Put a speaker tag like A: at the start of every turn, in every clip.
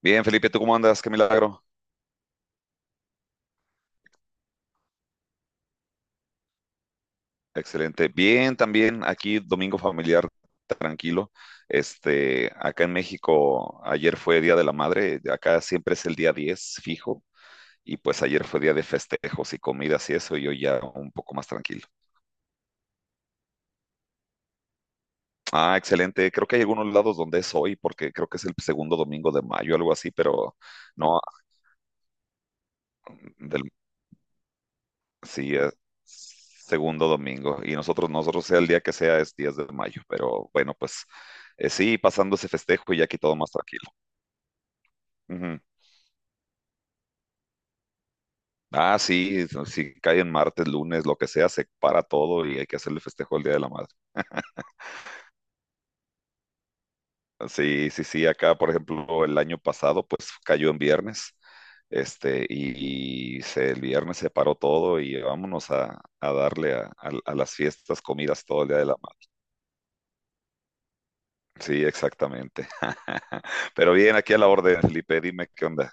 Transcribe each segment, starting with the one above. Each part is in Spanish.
A: Bien, Felipe, ¿tú cómo andas? Qué milagro. Excelente. Bien, también aquí domingo familiar, tranquilo. Acá en México, ayer fue Día de la Madre, acá siempre es el día 10 fijo, y pues ayer fue día de festejos y comidas y eso, y yo ya un poco más tranquilo. Ah, excelente. Creo que hay algunos lados donde es hoy, porque creo que es el segundo domingo de mayo, algo así, pero no, del Sí, es segundo domingo. Y nosotros sea el día que sea, es 10 de mayo. Pero bueno, pues sí, pasando ese festejo y ya aquí todo más tranquilo. Ujú. Ah, sí, si cae en martes, lunes, lo que sea, se para todo y hay que hacerle festejo el Día de la Madre. Sí, sí, sí, acá, por ejemplo, el año pasado, pues cayó en viernes. Y se, el viernes se paró todo y vámonos a darle a las fiestas, comidas todo el Día de la Sí, exactamente. Pero bien, aquí a la orden, Felipe, dime qué onda.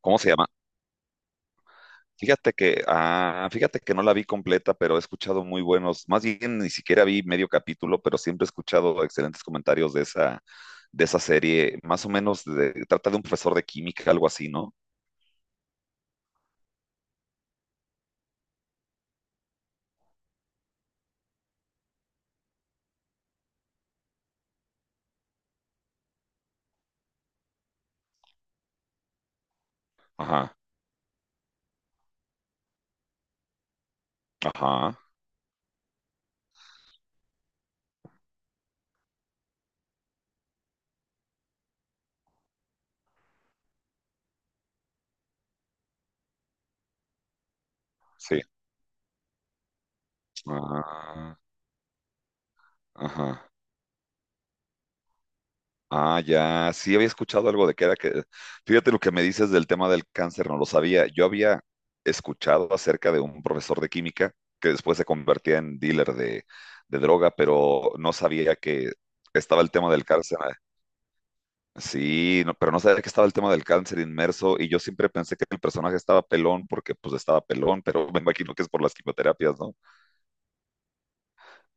A: ¿Cómo se llama? Fíjate que, ah, fíjate que no la vi completa, pero he escuchado muy buenos, más bien ni siquiera vi medio capítulo, pero siempre he escuchado excelentes comentarios de esa serie. Más o menos de- trata de un profesor de química, algo así, ¿no? Ajá, ajá, sí. Ah, ajá, ah, ya, sí había escuchado algo de que era que, fíjate lo que me dices del tema del cáncer, no lo sabía. Yo había escuchado acerca de un profesor de química que después se convertía en dealer de droga, pero no sabía que estaba el tema del cáncer. Sí, no- pero no sabía que estaba el tema del cáncer inmerso y yo siempre pensé que el personaje estaba pelón porque pues estaba pelón, pero me imagino que es por las quimioterapias, ¿no?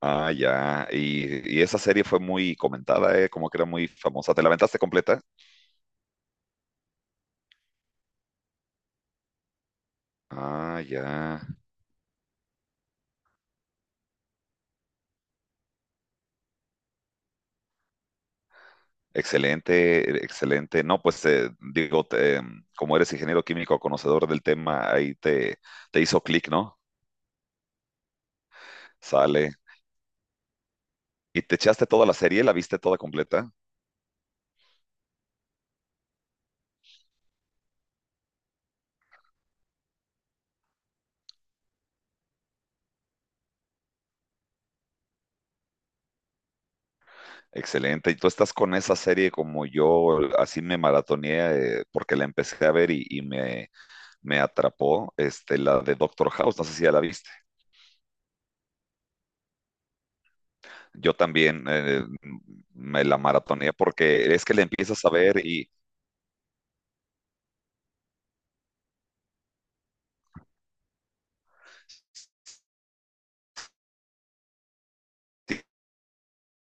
A: Ah, ya, y esa serie fue muy comentada, ¿eh? Como que era muy famosa. ¿Te la aventaste completa? Ah, ya. Excelente, excelente. No, pues digo, te, como eres ingeniero químico, conocedor del tema, ahí te hizo clic, ¿no? Sale. ¿Y te echaste toda la serie? ¿La viste toda completa? Excelente. ¿Y tú estás con esa serie como yo? Así me maratoneé porque la empecé a ver y me atrapó, la de Doctor House, no sé si ya la viste. Yo también me la maratoneé porque es que la empiezas a ver y...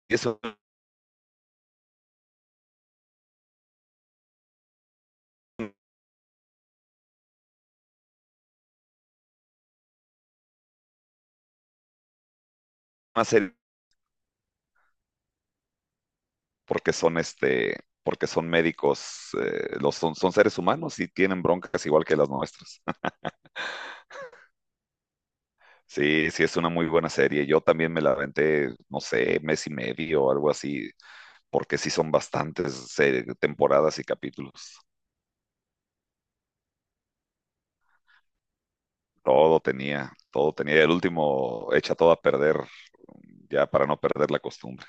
A: es una serie porque son porque son médicos, son seres humanos y tienen broncas igual que las nuestras. Sí, sí, es una muy buena serie. Yo también me la aventé, no sé, mes y medio o algo así, porque sí son bastantes temporadas y capítulos. Todo tenía, todo tenía. El último echa todo a perder, ya para no perder la costumbre.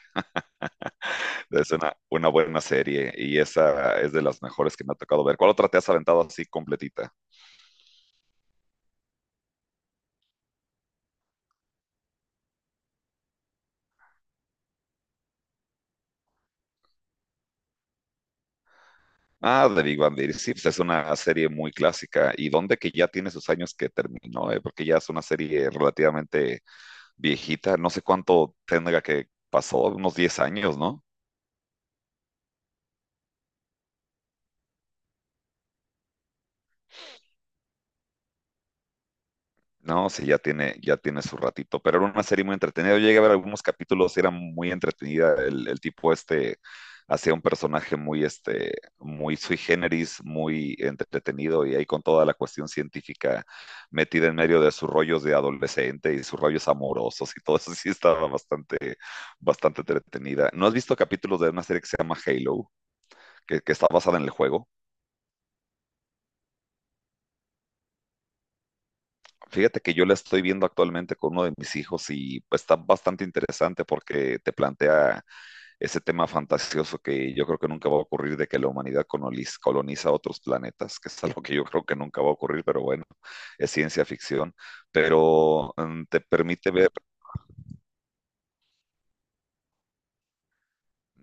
A: Es una buena serie y esa es de las mejores que me ha tocado ver. ¿Cuál otra te has aventado así completita? Ah, The Big Bang Theory, sí, pues es una serie muy clásica y donde que ya tiene sus años que terminó, porque ya es una serie relativamente viejita, no sé cuánto tendrá que pasó, unos 10 años, ¿no? No, sí, ya tiene su ratito, pero era una serie muy entretenida. Yo llegué a ver algunos capítulos, era muy entretenida. El tipo este hacía un personaje muy, muy sui generis, muy entretenido y ahí con toda la cuestión científica metida en medio de sus rollos de adolescente y sus rollos amorosos y todo eso sí estaba bastante, bastante entretenida. ¿No has visto capítulos de una serie que se llama Halo, que está basada en el juego? Fíjate que yo la estoy viendo actualmente con uno de mis hijos y pues, está bastante interesante porque te plantea ese tema fantasioso que yo creo que nunca va a ocurrir de que la humanidad coloniz- coloniza otros planetas, que es algo que yo creo que nunca va a ocurrir, pero bueno, es ciencia ficción. Pero te permite ver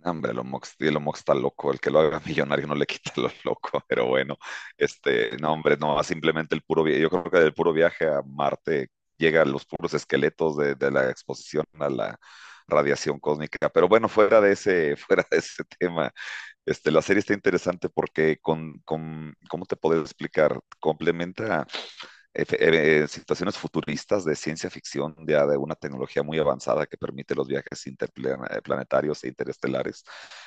A: No Hombre, lo Mox, sí, lo Mox está loco, el que lo haga millonario no le quita lo loco, pero bueno, no, hombre, no, simplemente el puro viaje, yo creo que del puro viaje a Marte llegan los puros esqueletos de la exposición a la radiación cósmica, pero bueno, fuera de ese, fuera de ese tema, la serie está interesante porque ¿cómo te puedo explicar? Complementa efe- situaciones futuristas de ciencia ficción, ya de una tecnología muy avanzada que permite los viajes interplanetarios e interestelares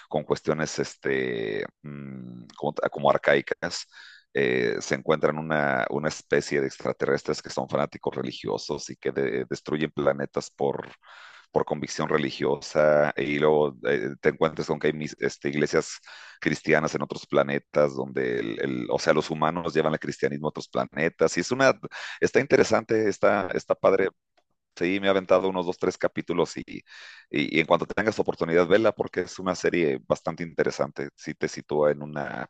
A: con cuestiones como arcaicas. Se encuentran una especie de extraterrestres que son fanáticos religiosos y que de- destruyen planetas por convicción religiosa y luego te encuentras con que hay iglesias cristianas en otros planetas donde, o sea, los humanos llevan el cristianismo a otros planetas y es una, está interesante, está, está padre. Sí, me he aventado unos dos, tres capítulos y, y en cuanto tengas oportunidad, vela porque es una serie bastante interesante. Sí te sitúa en una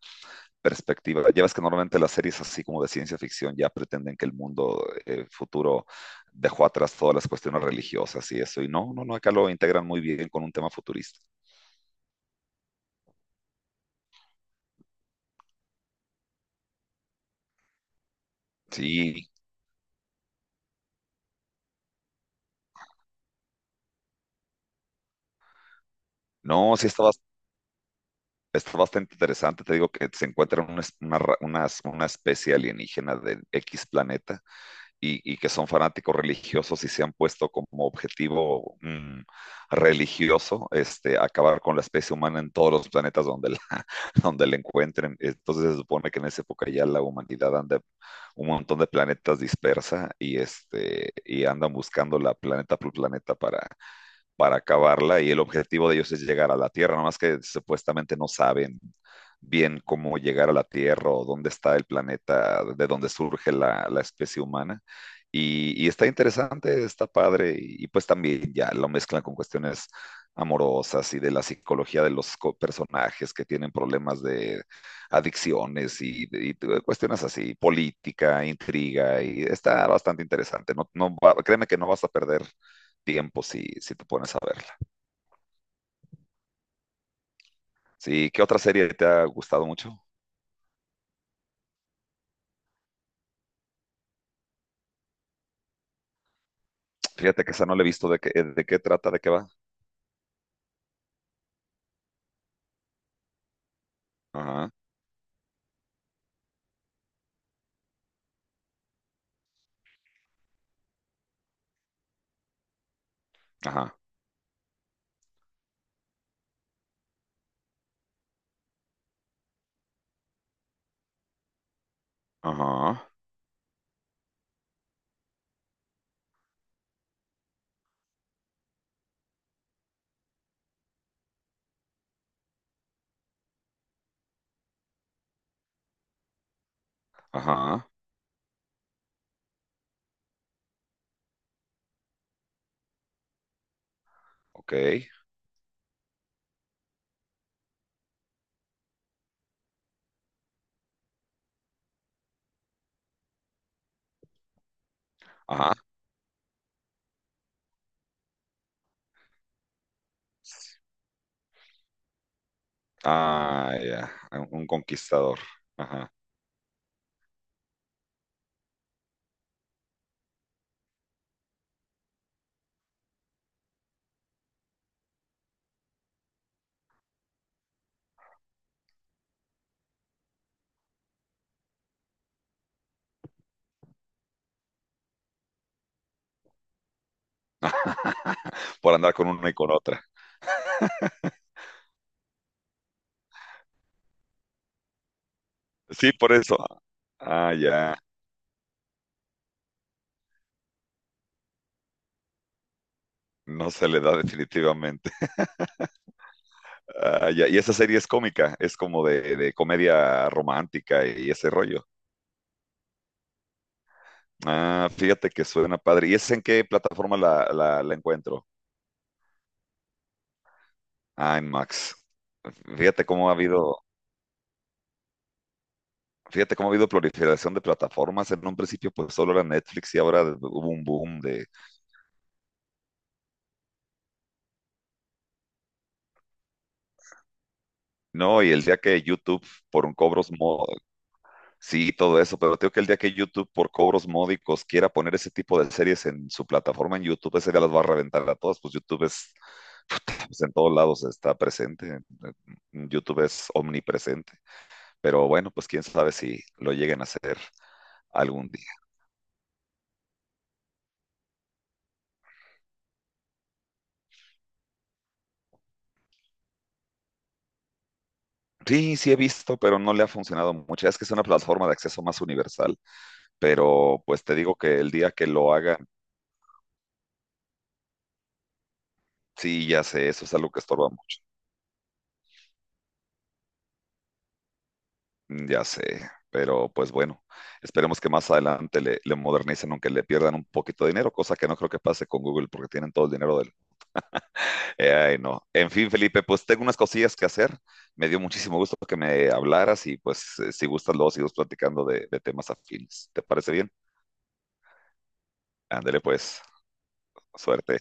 A: perspectiva. Ya ves que normalmente las series así como de ciencia ficción ya pretenden que el mundo futuro dejó atrás todas las cuestiones religiosas y eso. Y no, no, no, acá lo integran muy bien con un tema futurista. Sí, no, sí está, bas- está bastante interesante. Te digo que se encuentran una, es- una ra- unas- una especie alienígena de X planeta y que son fanáticos religiosos y se han puesto como objetivo religioso acabar con la especie humana en todos los planetas donde la, donde la encuentren. Entonces se supone que en esa época ya la humanidad anda un montón de planetas dispersa y, y andan buscando la planeta por planeta para acabarla y el objetivo de ellos es llegar a la Tierra, nomás que supuestamente no saben bien cómo llegar a la Tierra o dónde está el planeta, de dónde surge la, la especie humana. Está interesante, está padre y pues también ya lo mezclan con cuestiones amorosas y de la psicología de los co- personajes que tienen problemas de adicciones cuestiones así, política, intriga, y está bastante interesante. No, no, créeme que no vas a perder tiempo si, si te pones a verla. Sí, ¿qué otra serie te ha gustado mucho? Fíjate que esa no la he visto de qué trata, de qué va. Ajá, ajá, ajá, ajá, ok, ajá. Ah, ya, un conquistador. Ajá. Por andar con una y con otra. Sí, por eso. Ah, ya. No se le da definitivamente. Ah, ya. Y esa serie es cómica, es como de comedia romántica y ese rollo. Ah, fíjate que suena padre. ¿Y es en qué plataforma la encuentro? Ah, en Max. Fíjate cómo ha habido, fíjate cómo ha habido proliferación de plataformas. En un principio, pues solo era Netflix y ahora hubo un boom de. No, y el día que YouTube por un cobros mo- sí, todo eso, pero creo que el día que YouTube por cobros módicos quiera poner ese tipo de series en su plataforma en YouTube, ese día las va a reventar a todas. Pues YouTube es, pues, en todos lados está presente. YouTube es omnipresente. Pero bueno, pues quién sabe si lo lleguen a hacer algún día. Sí, sí he visto, pero no le ha funcionado mucho. Es que es una plataforma de acceso más universal, pero pues te digo que el día que lo hagan, sí, ya sé, eso es algo que estorba mucho. Ya sé, pero pues bueno, esperemos que más adelante le modernicen, aunque le pierdan un poquito de dinero, cosa que no creo que pase con Google porque tienen todo el dinero del ay, no. En fin, Felipe, pues tengo unas cosillas que hacer. Me dio muchísimo gusto que me hablaras y pues si gustas luego seguimos platicando de temas afines. ¿Te parece bien? Ándale pues, suerte.